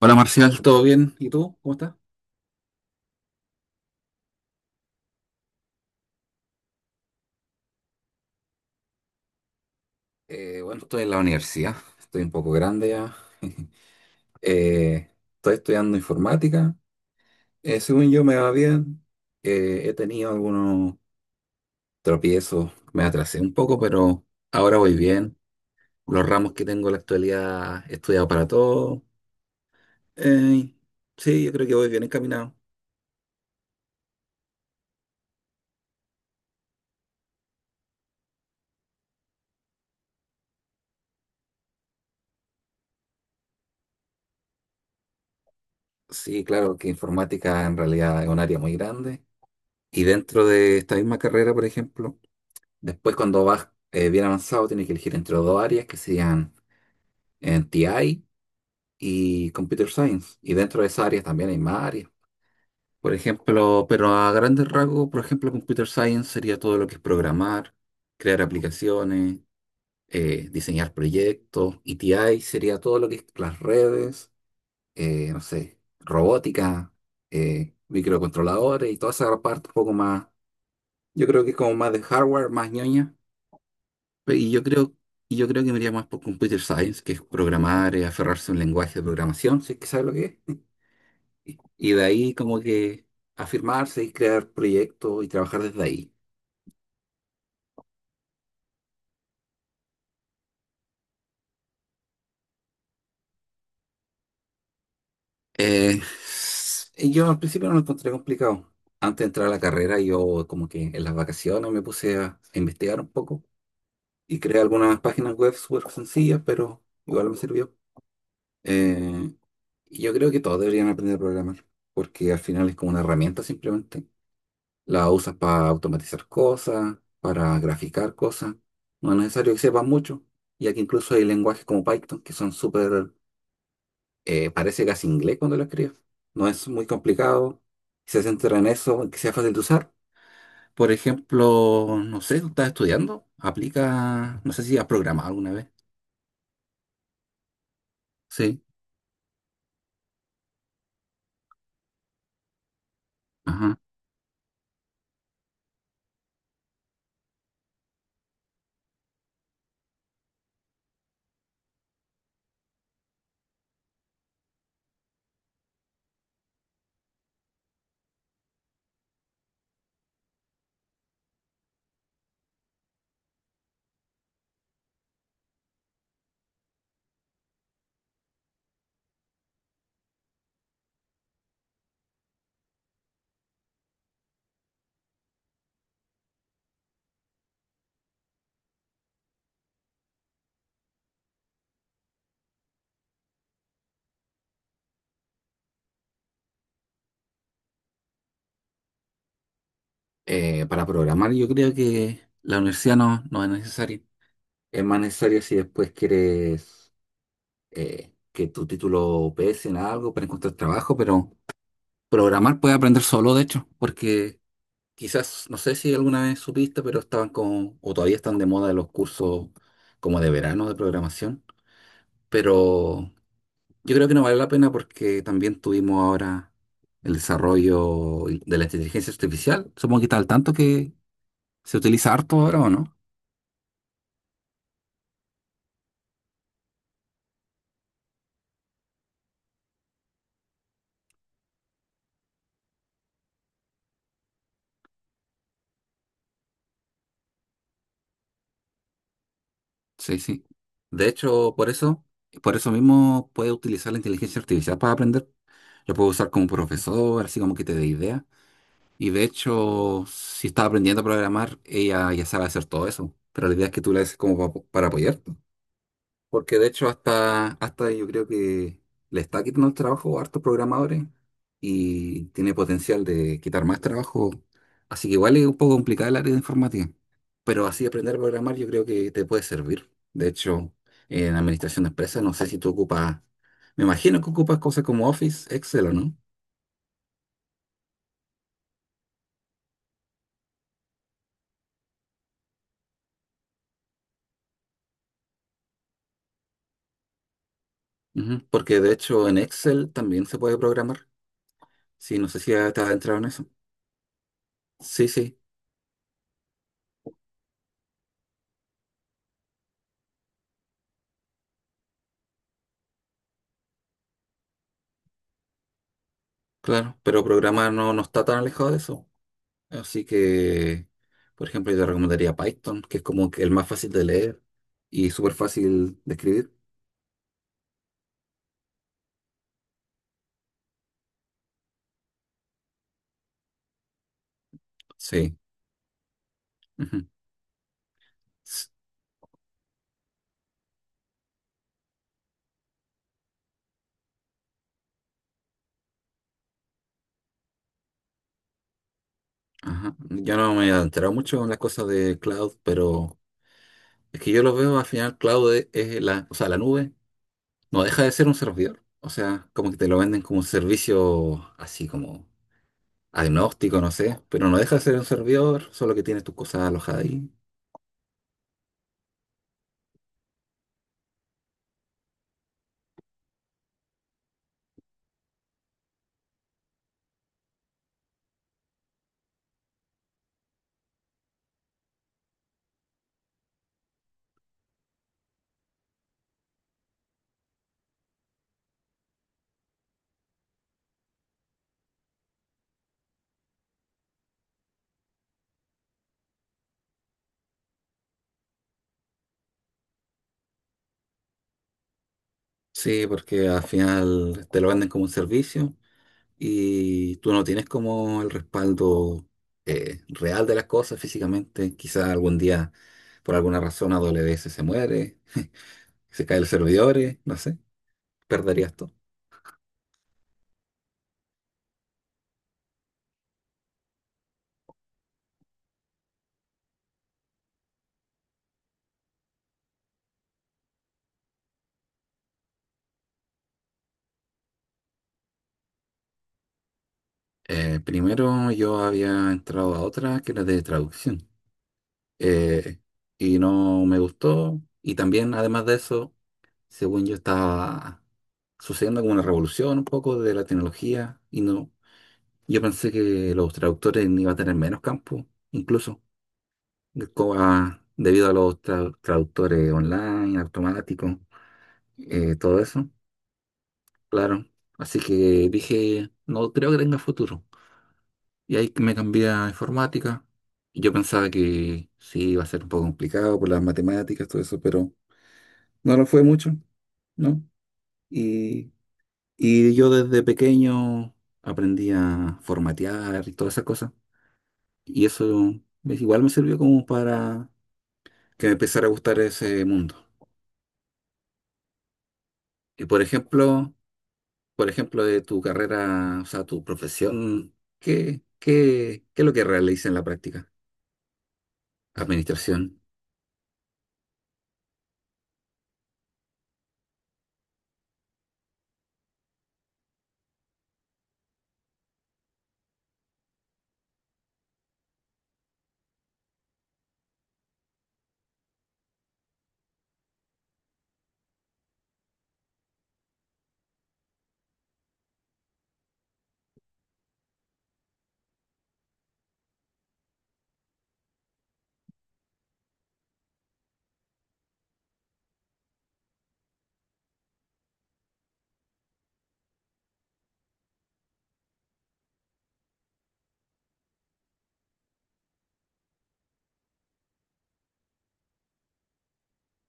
Hola Marcial, ¿todo bien? ¿Y tú? ¿Cómo estás? Bueno, Estoy en la universidad, estoy un poco grande ya. Eh, Estoy estudiando informática. Según yo me va bien. He tenido algunos tropiezos, me atrasé un poco, pero ahora voy bien. Los ramos que tengo en la actualidad he estudiado para todo. Eh, sí, yo creo que voy bien encaminado. Sí, claro que informática en realidad es un área muy grande. Y dentro de esta misma carrera, por ejemplo, después, cuando vas bien avanzado, tienes que elegir entre dos áreas que serían en TI y Computer Science. Y dentro de esas áreas también hay más áreas. Por ejemplo, pero a grandes rasgos, por ejemplo, Computer Science sería todo lo que es programar, crear aplicaciones, diseñar proyectos. Y TI sería todo lo que es las redes, no sé, robótica, microcontroladores y toda esa parte un poco más, yo creo que es como más de hardware, más ñoña. Pe- Y yo creo, y yo creo que me iría más por Computer Science, que es programar, aferrarse a un lenguaje de programación, si es que sabe lo que es. Y de ahí como que afirmarse y crear proyectos y trabajar desde ahí. Y yo al principio no lo encontré complicado. Antes de entrar a la carrera, yo como que en las vacaciones me puse a investigar un poco y creé algunas páginas web súper sencillas, pero igual me sirvió. Eh, y yo creo que todos deberían aprender a programar, porque al final es como una herramienta simplemente. La usas para automatizar cosas, para graficar cosas. No es necesario que sepas mucho, ya que incluso hay lenguajes como Python que son súper, parece casi inglés cuando lo escribes. No es muy complicado, si se centra en eso, en que sea fácil de usar. Por ejemplo, no sé, tú estás estudiando, aplica, no sé si has programado alguna vez. Sí, ajá. Para programar yo creo que la universidad no es necesaria. Es más necesario si después quieres que tu título pese en algo para encontrar trabajo, pero programar puedes aprender solo, de hecho, porque quizás, no sé si alguna vez supiste, pero estaban con, o todavía están de moda los cursos como de verano de programación, pero yo creo que no vale la pena porque también tuvimos ahora el desarrollo de la inteligencia artificial, supongo que está al tanto que se utiliza harto ahora, ¿o no? Sí, sí. De hecho, por eso mismo puedes utilizar la inteligencia artificial para aprender. Lo puedes usar como profesor, así como que te dé ideas. Y de hecho, si estás aprendiendo a programar, ella ya sabe hacer todo eso. Pero la idea es que tú la haces como para apoyarte. Porque de hecho hasta yo creo que le está quitando el trabajo a hartos programadores y tiene potencial de quitar más trabajo. Así que igual es un poco complicada el área de informática. Pero así aprender a programar yo creo que te puede servir. De hecho, en administración de empresas no sé si tú ocupas, me imagino que ocupas cosas como Office, Excel o no. Ujú, porque de hecho en Excel también se puede programar. Sí, no sé si ya te has entrado en eso. Sí, sí, claro. Pero programar no está tan alejado de eso. Así que, por ejemplo, yo te recomendaría Python, que es como que el más fácil de leer y súper fácil de escribir. Sí, ujú. S- Ajá. Yo no me he enterado mucho en las cosas de cloud, pero es que yo lo veo al final, cloud es la, o sea, la nube no deja de ser un servidor. O sea, como que te lo venden como un servicio así como agnóstico, no sé, pero no deja de ser un servidor, solo que tienes tus cosas alojadas ahí. Sí, porque al final te lo venden como un servicio y tú no tienes como el respaldo real de las cosas físicamente. Quizás algún día, por alguna razón, AWS se muere, se caen los servidores, no sé, perderías todo. Primero yo había entrado a otra que era de traducción eh, y no me gustó. Y también, además de eso, según yo estaba sucediendo como una revolución un poco de la tecnología y no, yo pensé que los traductores iban a tener menos campo incluso. co- Debido a los traductores online, automáticos, todo eso, claro. Así que dije, no creo que tenga futuro. Y ahí me cambié a informática. Y yo pensaba que sí, iba a ser un poco complicado por las matemáticas, todo eso, pero no lo fue mucho, ¿no? Y, y yo desde pequeño aprendí a formatear y todas esas cosas. Y eso igual me sirvió como para que me empezara a gustar ese mundo. Y por ejemplo, de tu carrera, o sea, tu profesión, ¿ qué es lo que realiza en la práctica? Administración.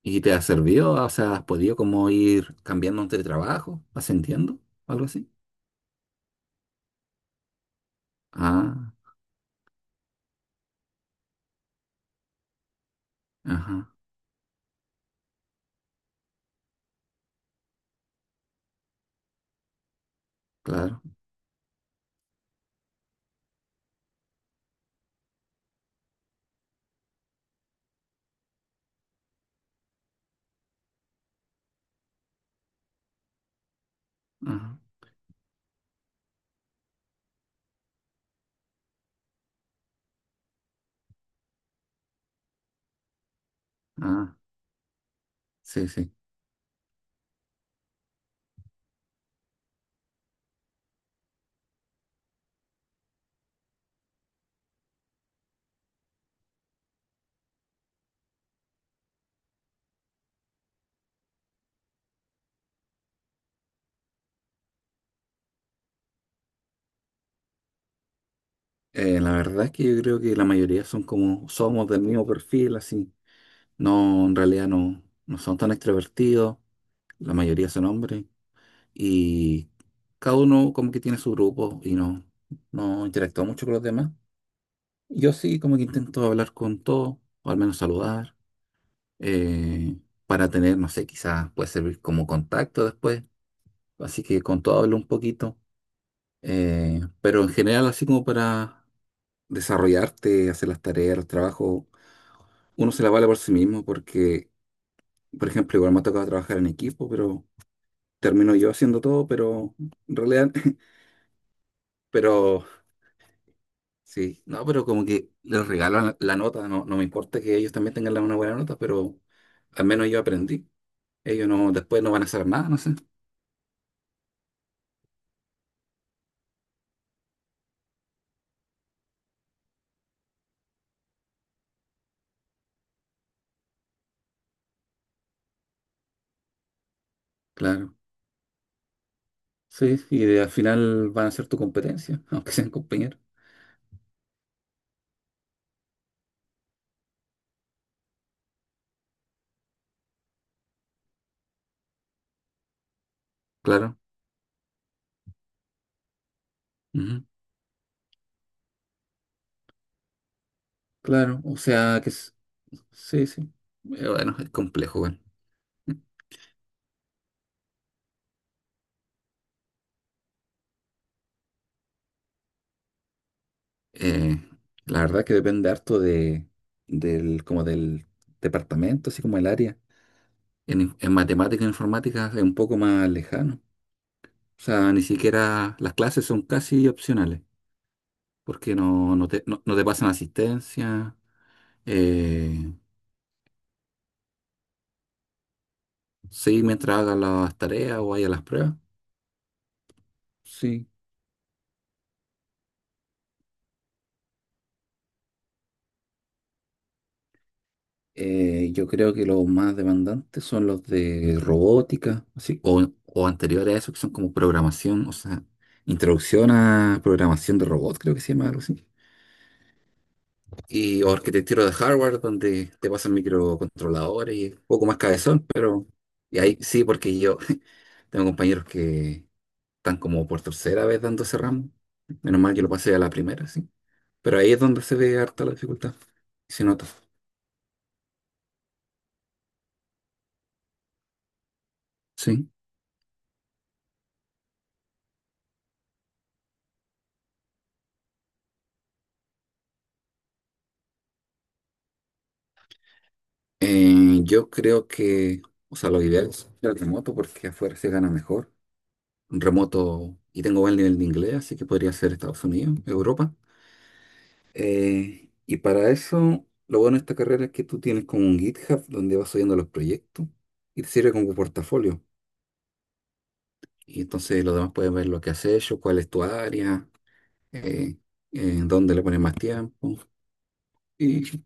¿Y te ha servido? O sea, ¿has podido como ir cambiando de trabajo, ascendiendo, algo así? Ah, ajá, claro, ajá, ah, sí, sí. La verdad es que yo creo que la mayoría son como, somos del mismo perfil, así. No, en realidad no son tan extrovertidos, la mayoría son hombres. Y cada uno como que tiene su grupo y no, no interactúa mucho con los demás. Yo sí como que intento hablar con todos, o al menos saludar, eh, para tener, no sé, quizás puede servir como contacto después, así que con todo hablo un poquito, pero en general así como para desarrollarte, hacer las tareas, los trabajos, uno se la vale por sí mismo porque, por ejemplo, igual me ha tocado trabajar en equipo, pero termino yo haciendo todo, pero en realidad… Pero sí, no, pero como que les regalan la nota, no me importa que ellos también tengan una buena nota, pero al menos yo aprendí. Ellos no, después no van a hacer nada, no sé. Claro. Sí, y al final van a ser tu competencia, aunque sean compañeros. Claro, ujú, claro, o sea que sí, sí. Bueno, es complejo, bueno. Eh, la verdad que depende harto de, del, como del departamento, así como el área. En matemática e informática es un poco más lejano. O sea, ni siquiera las clases son casi opcionales, porque no te pasan asistencia. eh, sí, mientras hagas las tareas o haya las pruebas. Sí. Yo creo que los más demandantes son los de robótica, así, o anteriores a eso, que son como programación, o sea, introducción a programación de robot, creo que se llama algo así. Y o arquitectura de hardware, donde te pasan microcontroladores y un poco más cabezón, pero. Y ahí sí, porque yo tengo compañeros que están como por tercera vez dando ese ramo. Menos mal yo lo pasé a la primera, sí. Pero ahí es donde se ve harta la dificultad y se nota. Sí. Yo creo que, o sea, lo ideal es el remoto porque afuera se gana mejor. Un remoto, y tengo buen nivel de inglés, así que podría ser Estados Unidos, Europa. Y para eso, lo bueno de esta carrera es que tú tienes como un GitHub donde vas subiendo los proyectos y te sirve como portafolio. Y entonces los demás pueden ver lo que has hecho, cuál es tu área, eh, dónde le pones más tiempo. Y,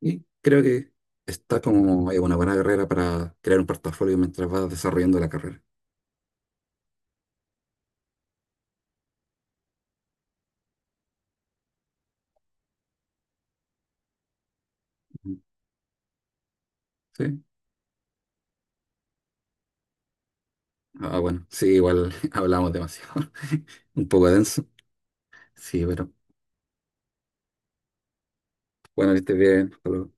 y creo que está como una buena carrera para crear un portafolio mientras vas desarrollando la carrera. Ujú. Sí, ah, bueno, sí, igual hablamos demasiado, un poco denso. Sí, pero bueno, que estés bien. Hasta luego.